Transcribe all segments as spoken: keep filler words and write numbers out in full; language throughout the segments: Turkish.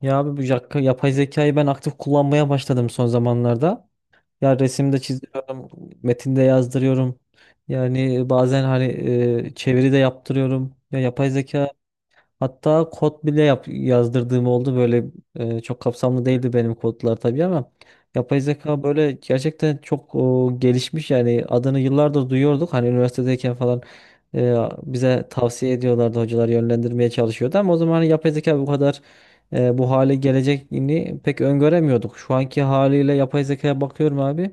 Ya abi bu yak- yapay zekayı ben aktif kullanmaya başladım son zamanlarda. Ya resimde çiziyorum, metinde yazdırıyorum. Yani bazen hani e, çeviri de yaptırıyorum. Ya yapay zeka hatta kod bile yap- yazdırdığım oldu. Böyle e, çok kapsamlı değildi benim kodlar tabii ama yapay zeka böyle gerçekten çok o, gelişmiş yani adını yıllardır duyuyorduk. Hani üniversitedeyken falan e, bize tavsiye ediyorlardı, hocalar yönlendirmeye çalışıyordu ama o zaman hani yapay zeka bu kadar e, bu hale geleceğini pek öngöremiyorduk. Şu anki haliyle yapay zekaya bakıyorum abi.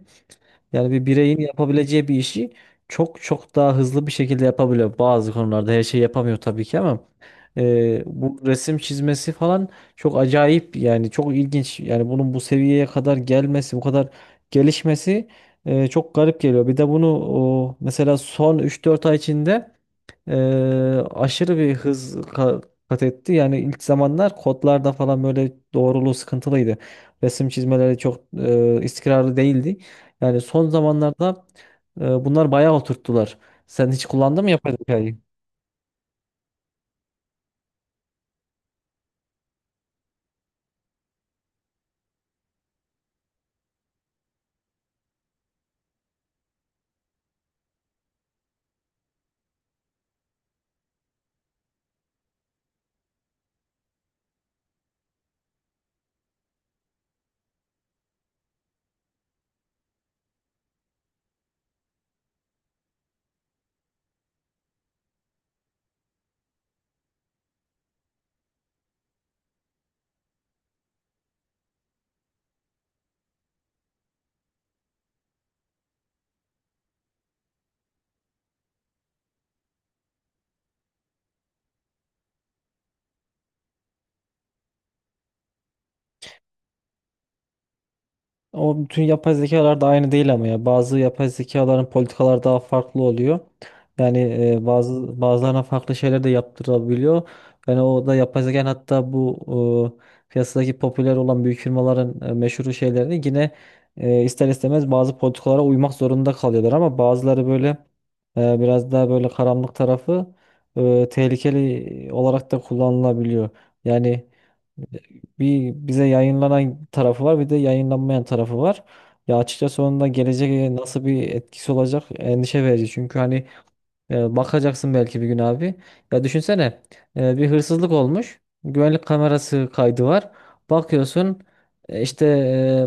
Yani bir bireyin yapabileceği bir işi çok çok daha hızlı bir şekilde yapabiliyor. Bazı konularda her şeyi yapamıyor tabii ki ama e, bu resim çizmesi falan çok acayip, yani çok ilginç. Yani bunun bu seviyeye kadar gelmesi, bu kadar gelişmesi e, çok garip geliyor. Bir de bunu o, mesela son üç dört ay içinde Eee, aşırı bir hız ka- kat etti. Yani ilk zamanlar kodlarda falan böyle doğruluğu sıkıntılıydı. Resim çizmeleri çok eee, istikrarlı değildi. Yani son zamanlarda eee, bunlar bayağı oturttular. Sen hiç kullandın mı yapay zekayı? O, bütün yapay zekalar da aynı değil ama ya bazı yapay zekaların politikalar daha farklı oluyor. Yani e, bazı bazılarına farklı şeyler de yaptırabiliyor. Yani o da yapay zeka, hatta bu e, piyasadaki popüler olan büyük firmaların e, meşhur şeylerini yine e, ister istemez bazı politikalara uymak zorunda kalıyorlar ama bazıları böyle e, biraz daha böyle karanlık tarafı e, tehlikeli olarak da kullanılabiliyor. Yani bir bize yayınlanan tarafı var, bir de yayınlanmayan tarafı var. Ya açıkçası onun da geleceğe nasıl bir etkisi olacak, endişe verici. Çünkü hani ee, bakacaksın belki bir gün abi. Ya düşünsene, e, bir hırsızlık olmuş. Güvenlik kamerası kaydı var. Bakıyorsun e, işte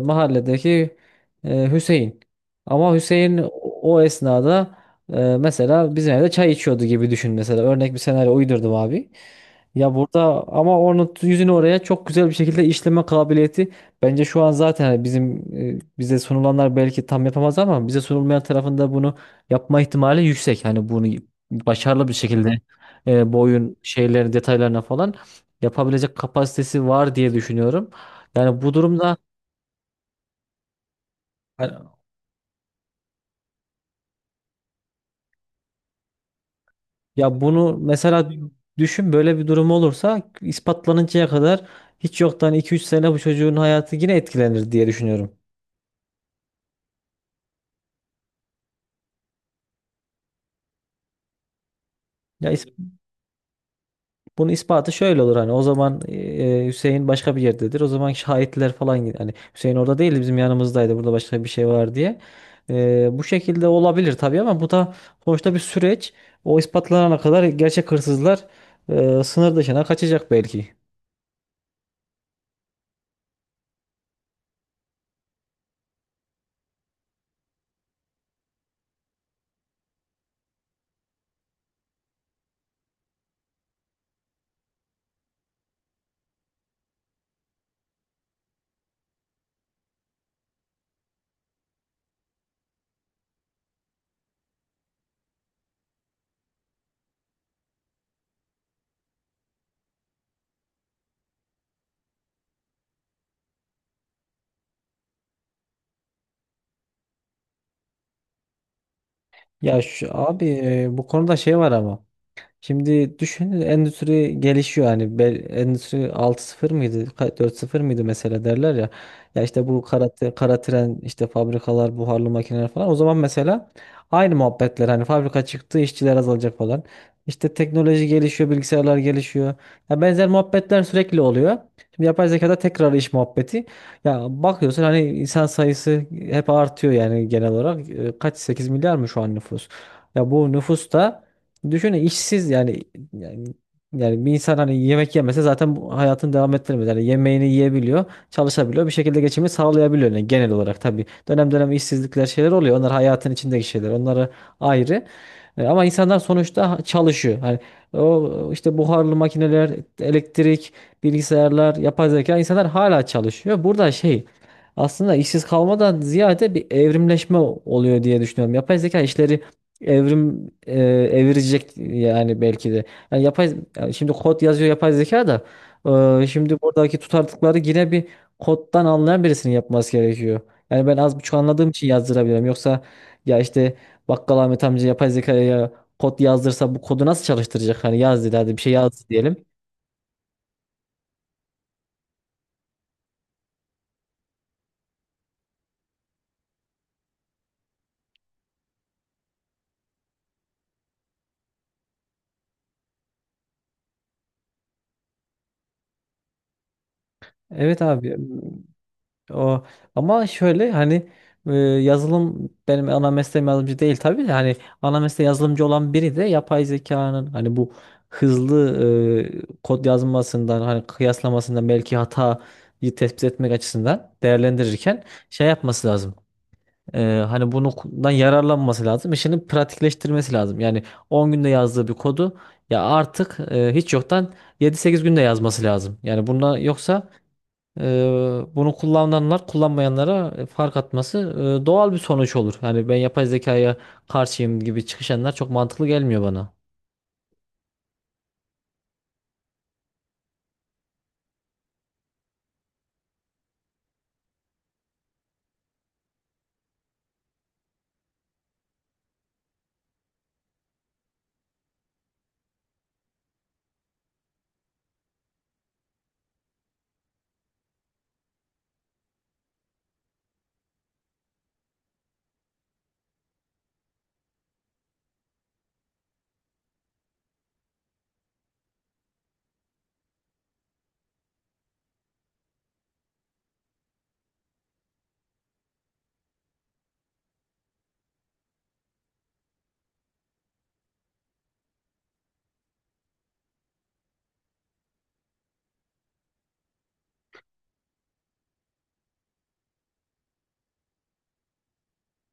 e, mahalledeki e, Hüseyin. Ama Hüseyin o o esnada e, mesela bizim evde çay içiyordu gibi düşün mesela. Örnek bir senaryo uydurdum abi. Ya burada ama onun yüzünü oraya çok güzel bir şekilde işleme kabiliyeti bence şu an zaten hani bizim e, bize sunulanlar belki tam yapamaz ama bize sunulmayan tarafında bunu yapma ihtimali yüksek. Hani bunu başarılı bir şekilde e, bu oyun şeylerin detaylarına falan yapabilecek kapasitesi var diye düşünüyorum. Yani bu durumda hani, ya bunu mesela düşün, böyle bir durum olursa ispatlanıncaya kadar hiç yoktan iki üç sene bu çocuğun hayatı yine etkilenir diye düşünüyorum. Ya bunun ispatı şöyle olur, hani o zaman e, e, Hüseyin başka bir yerdedir. O zaman şahitler falan hani Hüseyin orada değildi, bizim yanımızdaydı, burada başka bir şey var diye. E, bu şekilde olabilir tabii ama bu da sonuçta bir süreç. O ispatlanana kadar gerçek hırsızlar e, sınır dışına kaçacak belki. Ya şu, abi e, bu konuda şey var ama. Şimdi düşünün, endüstri gelişiyor, hani bel- endüstri altı sıfır mıydı ka- dört sıfır mıydı mesela, derler ya. Ya işte bu kara, te- kara tren, işte fabrikalar, buharlı makineler falan, o zaman mesela aynı muhabbetler, hani fabrika çıktı, işçiler azalacak falan. İşte teknoloji gelişiyor, bilgisayarlar gelişiyor. Ya benzer muhabbetler sürekli oluyor. Şimdi yapay zekada tekrar iş muhabbeti. Ya bakıyorsun hani insan sayısı hep artıyor yani genel olarak. E, kaç, sekiz milyar mı şu an nüfus? Ya bu nüfus da düşünün, işsiz yani. Yani yani bir insan hani yemek yemese zaten bu hayatını devam ettiremez. Yani yemeğini yiyebiliyor, çalışabiliyor, bir şekilde geçimini sağlayabiliyor yani genel olarak tabii. Dönem dönem işsizlikler, şeyler oluyor. Onlar hayatın içindeki şeyler. Onları ayrı. E, ama insanlar sonuçta ha- çalışıyor. Hani o işte buharlı makineler, elektrik, bilgisayarlar, yapay zeka, insanlar hala çalışıyor. Burada şey, aslında işsiz kalmadan ziyade bir evrimleşme oluyor diye düşünüyorum. Yapay zeka işleri evrim e, evirecek yani belki de. Yani yapay yani şimdi kod yazıyor yapay zeka da e, şimdi buradaki tutarlılıkları yine bir koddan anlayan birisinin yapması gerekiyor. Yani ben az buçuk anladığım için yazdırabilirim. Yoksa ya işte bakkal Ahmet amca yapay zekaya kod yazdırsa bu kodu nasıl çalıştıracak? Hani yaz dedi, hadi bir şey yaz diyelim. Evet abi o, ama şöyle hani e, yazılım benim ana mesleğim, yazılımcı değil tabii de, hani ana mesleği yazılımcı olan biri de yapay zekanın hani bu hızlı e, kod yazmasından, hani kıyaslamasından belki hatayı tespit etmek açısından değerlendirirken şey yapması lazım. E, hani bundan yararlanması lazım. İşini pratikleştirmesi lazım. Yani on günde yazdığı bir kodu ya artık e, hiç yoktan yedi sekiz günde yazması lazım. Yani buna, yoksa Eee, bunu kullananlar kullanmayanlara e, fark atması e, doğal bir sonuç olur. Yani ben yapay zekaya karşıyım gibi çıkışanlar çok mantıklı gelmiyor bana.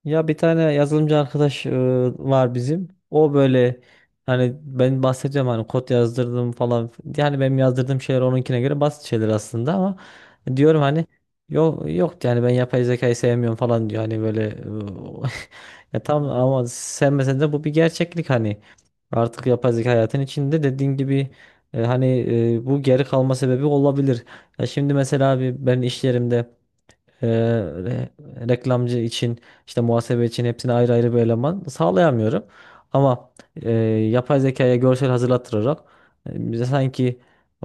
Ya bir tane yazılımcı arkadaş e, var bizim. O böyle, hani ben bahsedeceğim hani kod yazdırdım falan. Yani benim yazdırdığım şeyler onunkine göre basit şeyler aslında ama diyorum hani, yok yok, yani ben yapay zekayı sevmiyorum falan diyor. Hani böyle e, ya tam, ama sevmesen de bu bir gerçeklik hani. Artık yapay zeka hayatın içinde dediğin gibi, e, hani e, bu geri kalma sebebi olabilir. Ya şimdi mesela abi ben iş yerimde e, re- reklamcı için, işte muhasebe için hepsini ayrı ayrı bir eleman sağlayamıyorum. Ama e, yapay zekaya görsel hazırlattırarak e, bize sanki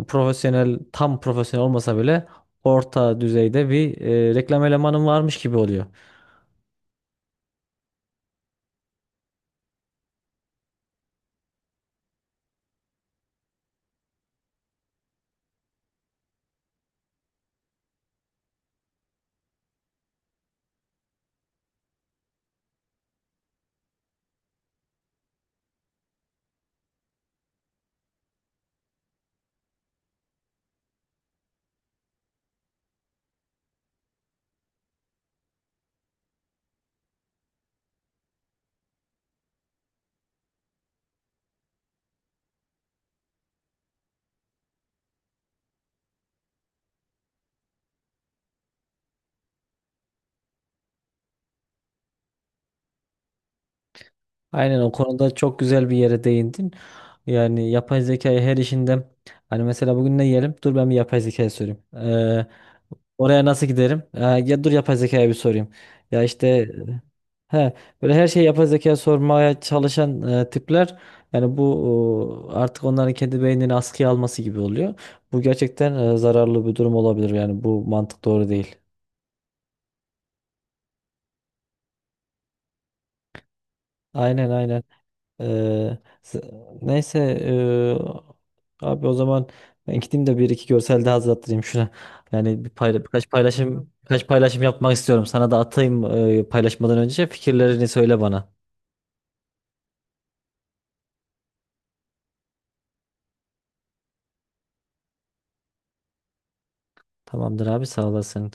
profesyonel tam profesyonel olmasa bile orta düzeyde bir e, reklam elemanım varmış gibi oluyor. Aynen, o konuda çok güzel bir yere değindin. Yani yapay zekayı her işinde, hani mesela bugün ne yiyelim? Dur ben bir yapay zekaya sorayım. Oraya nasıl giderim? Ha, ya dur yapay zekaya bir sorayım. Ya işte he, böyle her şeyi yapay zekaya sormaya çalışan e, tipler, yani bu e, artık onların kendi beynini askıya alması gibi oluyor. Bu gerçekten e, zararlı bir durum olabilir. Yani bu mantık doğru değil. Aynen aynen. Ee, s- neyse e, abi o zaman ben gideyim de bir iki görsel daha hazırlattırayım şuna. Yani bir payla birkaç paylaşım birkaç paylaşım yapmak istiyorum. Sana da atayım e, paylaşmadan önce fikirlerini söyle bana. Tamamdır abi, sağ olasın.